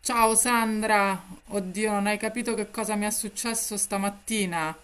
Ciao Sandra, oddio, non hai capito che cosa mi è successo stamattina.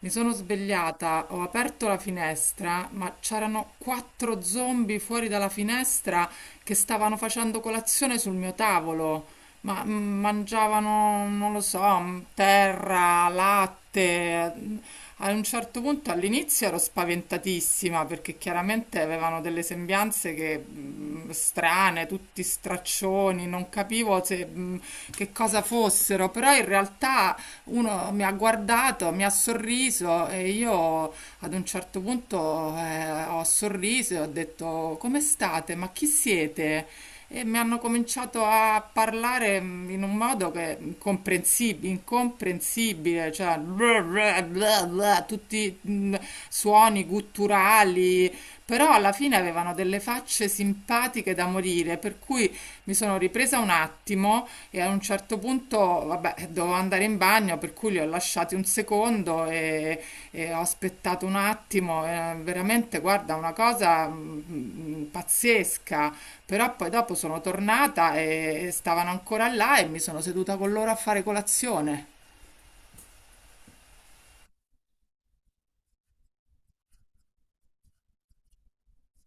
Mi sono svegliata, ho aperto la finestra, ma c'erano quattro zombie fuori dalla finestra che stavano facendo colazione sul mio tavolo. Ma mangiavano, non lo so, terra, latte. A un certo punto all'inizio ero spaventatissima perché chiaramente avevano delle sembianze che strane, tutti straccioni, non capivo se, che cosa fossero, però in realtà uno mi ha guardato, mi ha sorriso e io ad un certo punto ho sorriso e ho detto come state? Ma chi siete? E mi hanno cominciato a parlare in un modo che incomprensibile, cioè bla bla bla bla, tutti suoni gutturali, però alla fine avevano delle facce simpatiche da morire, per cui mi sono ripresa un attimo e a un certo punto, vabbè, dovevo andare in bagno, per cui li ho lasciati un secondo e ho aspettato un attimo. Veramente, guarda, una cosa pazzesca. Però poi dopo sono tornata e stavano ancora là e mi sono seduta con loro a fare colazione.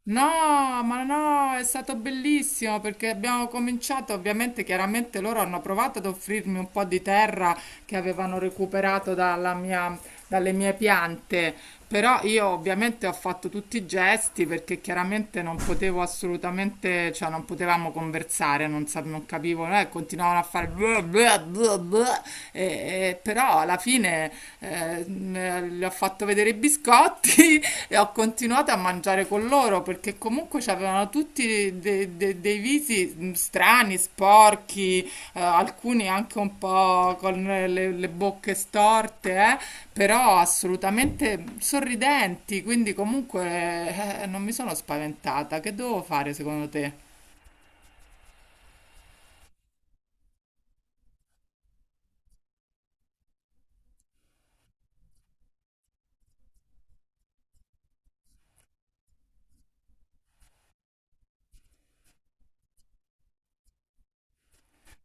No, ma no, è stato bellissimo perché abbiamo cominciato, ovviamente, chiaramente loro hanno provato ad offrirmi un po' di terra che avevano recuperato dalle mie piante, però io ovviamente ho fatto tutti i gesti perché chiaramente non potevo assolutamente, cioè non potevamo conversare, non capivo, continuavano a fare... bleh, bleh, bleh, bleh. E- però alla fine le ho fatto vedere i biscotti e ho continuato a mangiare con loro perché comunque avevano tutti dei visi strani, sporchi, alcuni anche un po' con le bocche storte, però assolutamente sorridenti, quindi comunque non mi sono spaventata. Che devo fare secondo te?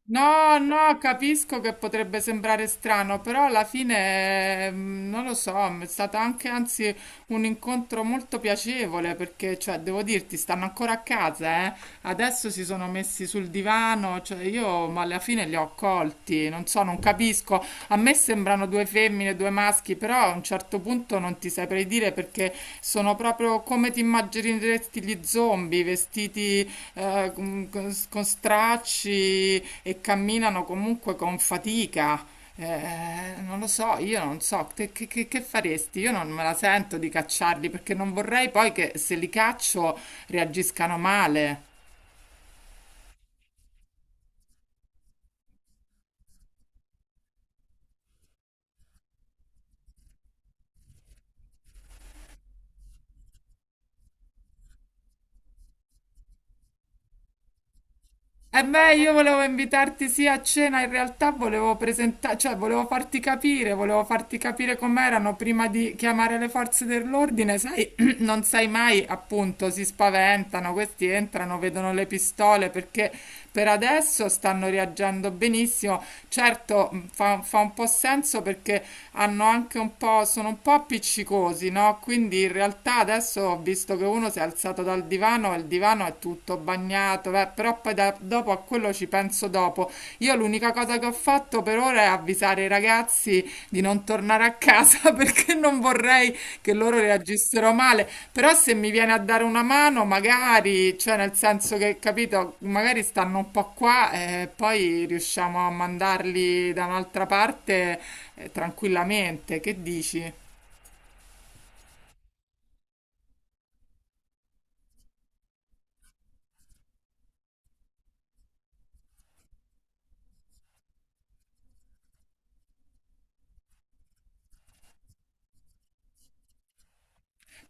No, no, capisco che potrebbe sembrare strano, però alla fine, non lo so, è stato anche anzi un incontro molto piacevole perché, cioè, devo dirti, stanno ancora a casa, eh. Adesso si sono messi sul divano, cioè io, ma alla fine li ho colti, non so, non capisco. A me sembrano due femmine, due maschi, però a un certo questo punto non ti saprei dire perché sono proprio come ti immagineresti gli zombie, vestiti con stracci e camminano comunque con fatica. Non lo so, io non so, che faresti? Io non me la sento di cacciarli perché non vorrei poi che se li caccio reagiscano male. E beh, io volevo invitarti sì a cena, in realtà volevo presentare, cioè volevo farti capire com'erano prima di chiamare le forze dell'ordine, sai, non sai mai, appunto, si spaventano, questi entrano, vedono le pistole perché per adesso stanno reagendo benissimo. Certo, fa un po' senso perché hanno anche un po', sono un po' appiccicosi, no? Quindi in realtà adesso ho visto che uno si è alzato dal divano e il divano è tutto bagnato, beh, però poi dopo a quello ci penso dopo. Io l'unica cosa che ho fatto per ora è avvisare i ragazzi di non tornare a casa perché non vorrei che loro reagissero male. Però se mi viene a dare una mano, magari, cioè nel senso che, capito, magari stanno un po' qua e poi riusciamo a mandarli da un'altra parte tranquillamente. Che dici?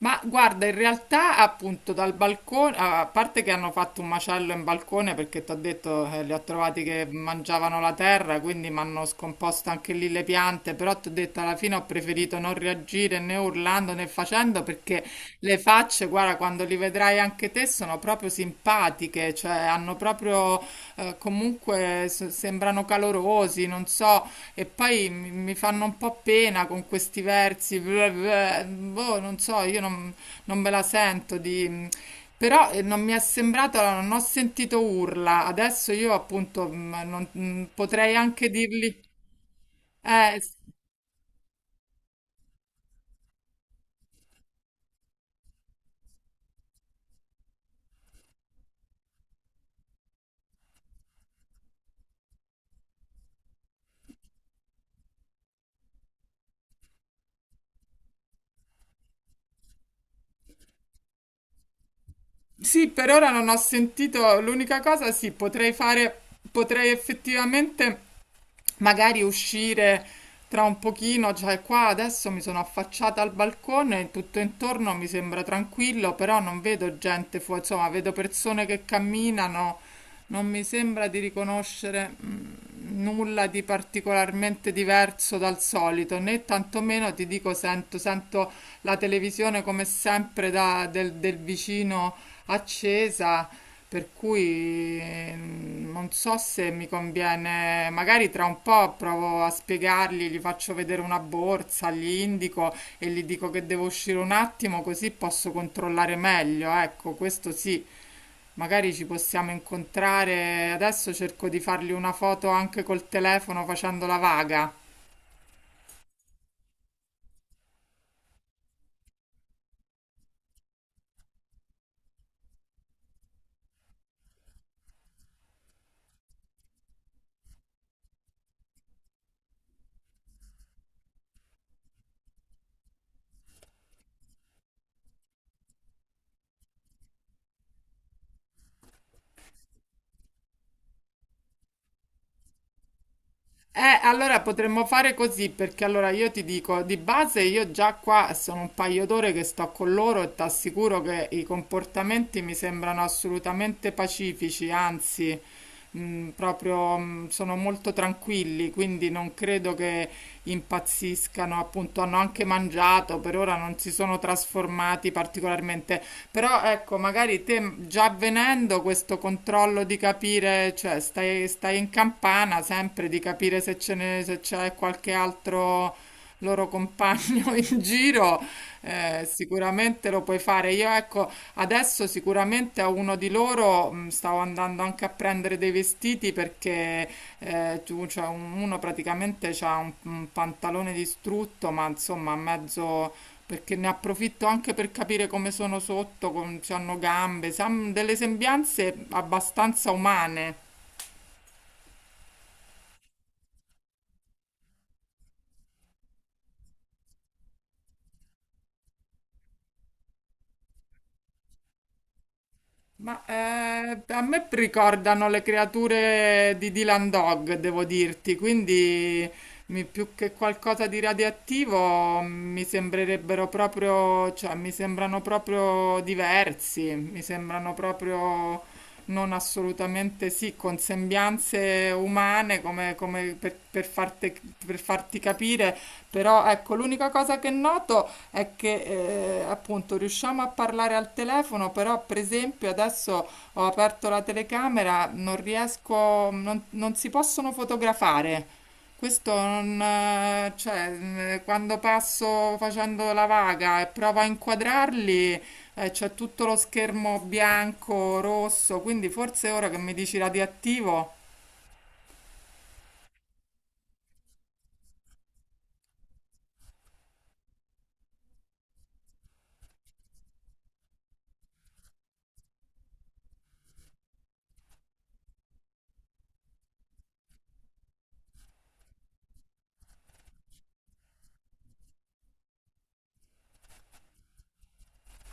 Ma guarda, in realtà appunto dal balcone, a parte che hanno fatto un macello in balcone perché ti ho detto li ho trovati che mangiavano la terra, quindi mi hanno scomposto anche lì le piante, però ti ho detto alla fine ho preferito non reagire né urlando né facendo perché le facce, guarda, quando li vedrai anche te sono proprio simpatiche, cioè hanno proprio comunque sembrano calorosi, non so, e poi mi fanno un po' pena con questi versi, bleh, bleh, boh, non so, io non, non me la sento di... Però non mi è sembrato, non ho sentito urla. Adesso io appunto potrei anche dirgli, eh, Sì, per ora non ho sentito l'unica cosa, sì, potrei fare, potrei effettivamente magari uscire tra un pochino, cioè qua adesso mi sono affacciata al balcone, tutto intorno mi sembra tranquillo, però non vedo gente fuori, insomma, vedo persone che camminano, non mi sembra di riconoscere nulla di particolarmente diverso dal solito, né tantomeno ti dico sento la televisione come sempre del vicino accesa, per cui non so se mi conviene, magari tra un po' provo a spiegargli, gli faccio vedere una borsa, gli indico e gli dico che devo uscire un attimo così posso controllare meglio, ecco, questo sì. Magari ci possiamo incontrare. Adesso cerco di fargli una foto anche col telefono facendo la vaga. Allora potremmo fare così perché allora io ti dico di base io già qua sono un paio d'ore che sto con loro e ti assicuro che i comportamenti mi sembrano assolutamente pacifici, anzi, proprio sono molto tranquilli, quindi non credo che impazziscano, appunto hanno anche mangiato, per ora non si sono trasformati particolarmente. Però ecco, magari te già venendo questo controllo di capire, cioè stai in campana sempre di capire se se c'è qualche altro loro compagno in giro sicuramente lo puoi fare. Io ecco, adesso sicuramente a uno di loro stavo andando anche a prendere dei vestiti perché tu, cioè, uno praticamente ha un pantalone distrutto, ma insomma a mezzo... Perché ne approfitto anche per capire come sono sotto, come hanno gambe, se han delle sembianze abbastanza umane. Ma a me ricordano le creature di Dylan Dog, devo dirti, quindi più che qualcosa di radioattivo mi sembrerebbero proprio, cioè mi sembrano proprio diversi, mi sembrano proprio non assolutamente sì, con sembianze umane come per farti, capire, però ecco, l'unica cosa che noto è che appunto riusciamo a parlare al telefono, però per esempio adesso ho aperto la telecamera, non riesco, non si possono fotografare. Questo non, quando passo facendo la vaga e provo a inquadrarli, c'è tutto lo schermo bianco, rosso, quindi forse ora che mi dici radioattivo,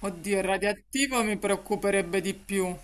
oddio, il radioattivo mi preoccuperebbe di più.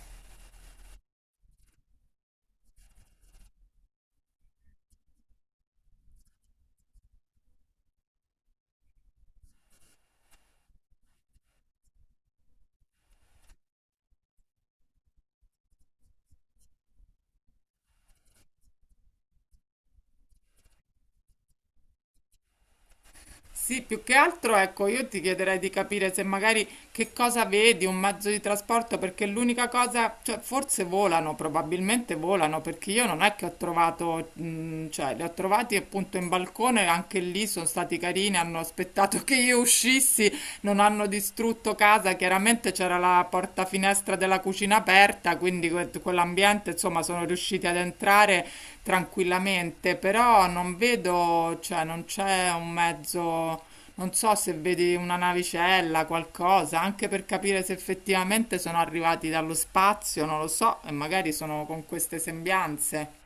Sì, più che altro, ecco, io ti chiederei di capire se magari che cosa vedi, un mezzo di trasporto, perché l'unica cosa, cioè forse volano, probabilmente volano, perché io non è che ho trovato, cioè li ho trovati appunto in balcone, anche lì sono stati carini, hanno aspettato che io uscissi. Non hanno distrutto casa, chiaramente c'era la porta finestra della cucina aperta, quindi quell'ambiente, insomma, sono riusciti ad entrare tranquillamente, però non vedo, cioè non c'è un mezzo, non so se vedi una navicella, qualcosa, anche per capire se effettivamente sono arrivati dallo spazio, non lo so, e magari sono con queste sembianze.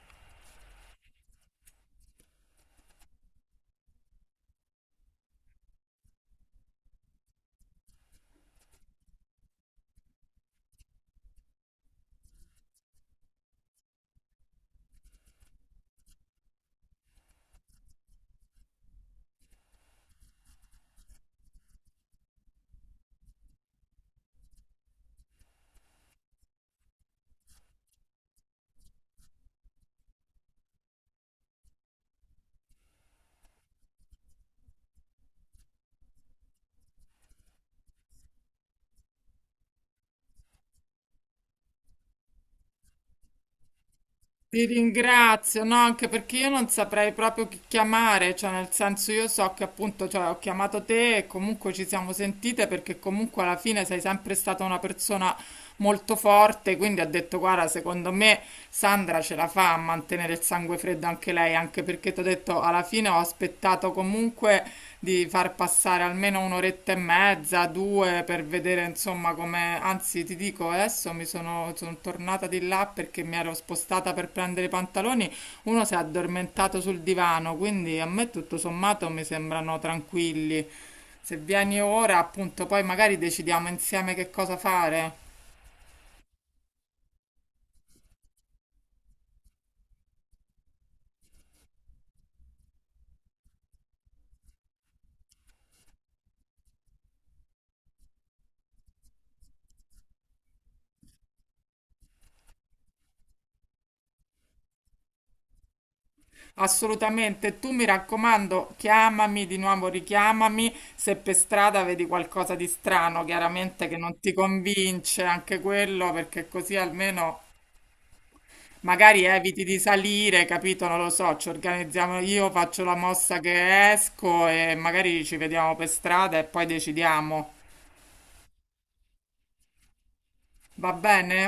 Ti ringrazio, no, anche perché io non saprei proprio chi chiamare, cioè nel senso io so che appunto cioè, ho chiamato te e comunque ci siamo sentite perché comunque alla fine sei sempre stata una persona molto forte, quindi ha detto guarda, secondo me Sandra ce la fa a mantenere il sangue freddo anche lei, anche perché ti ho detto alla fine ho aspettato comunque di far passare almeno un'oretta e mezza, due per vedere insomma come, anzi ti dico adesso sono tornata di là perché mi ero spostata per prendere i pantaloni, uno si è addormentato sul divano, quindi a me tutto sommato mi sembrano tranquilli. Se vieni ora, appunto, poi magari decidiamo insieme che cosa fare. Assolutamente, tu mi raccomando, chiamami di nuovo, richiamami se per strada vedi qualcosa di strano, chiaramente che non ti convince anche quello, perché così almeno magari eviti di salire, capito? Non lo so, ci organizziamo io, faccio la mossa che esco e magari ci vediamo per strada e poi decidiamo. Va bene?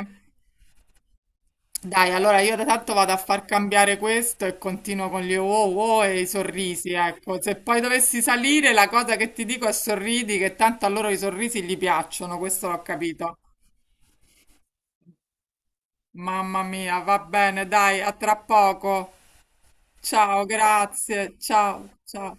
Dai, allora io tanto vado a far cambiare questo e continuo con gli wow wow e i sorrisi, ecco. Se poi dovessi salire, la cosa che ti dico è sorridi, che tanto a loro i sorrisi gli piacciono, questo l'ho capito. Mamma mia, va bene, dai, a tra poco. Ciao, grazie, ciao, ciao.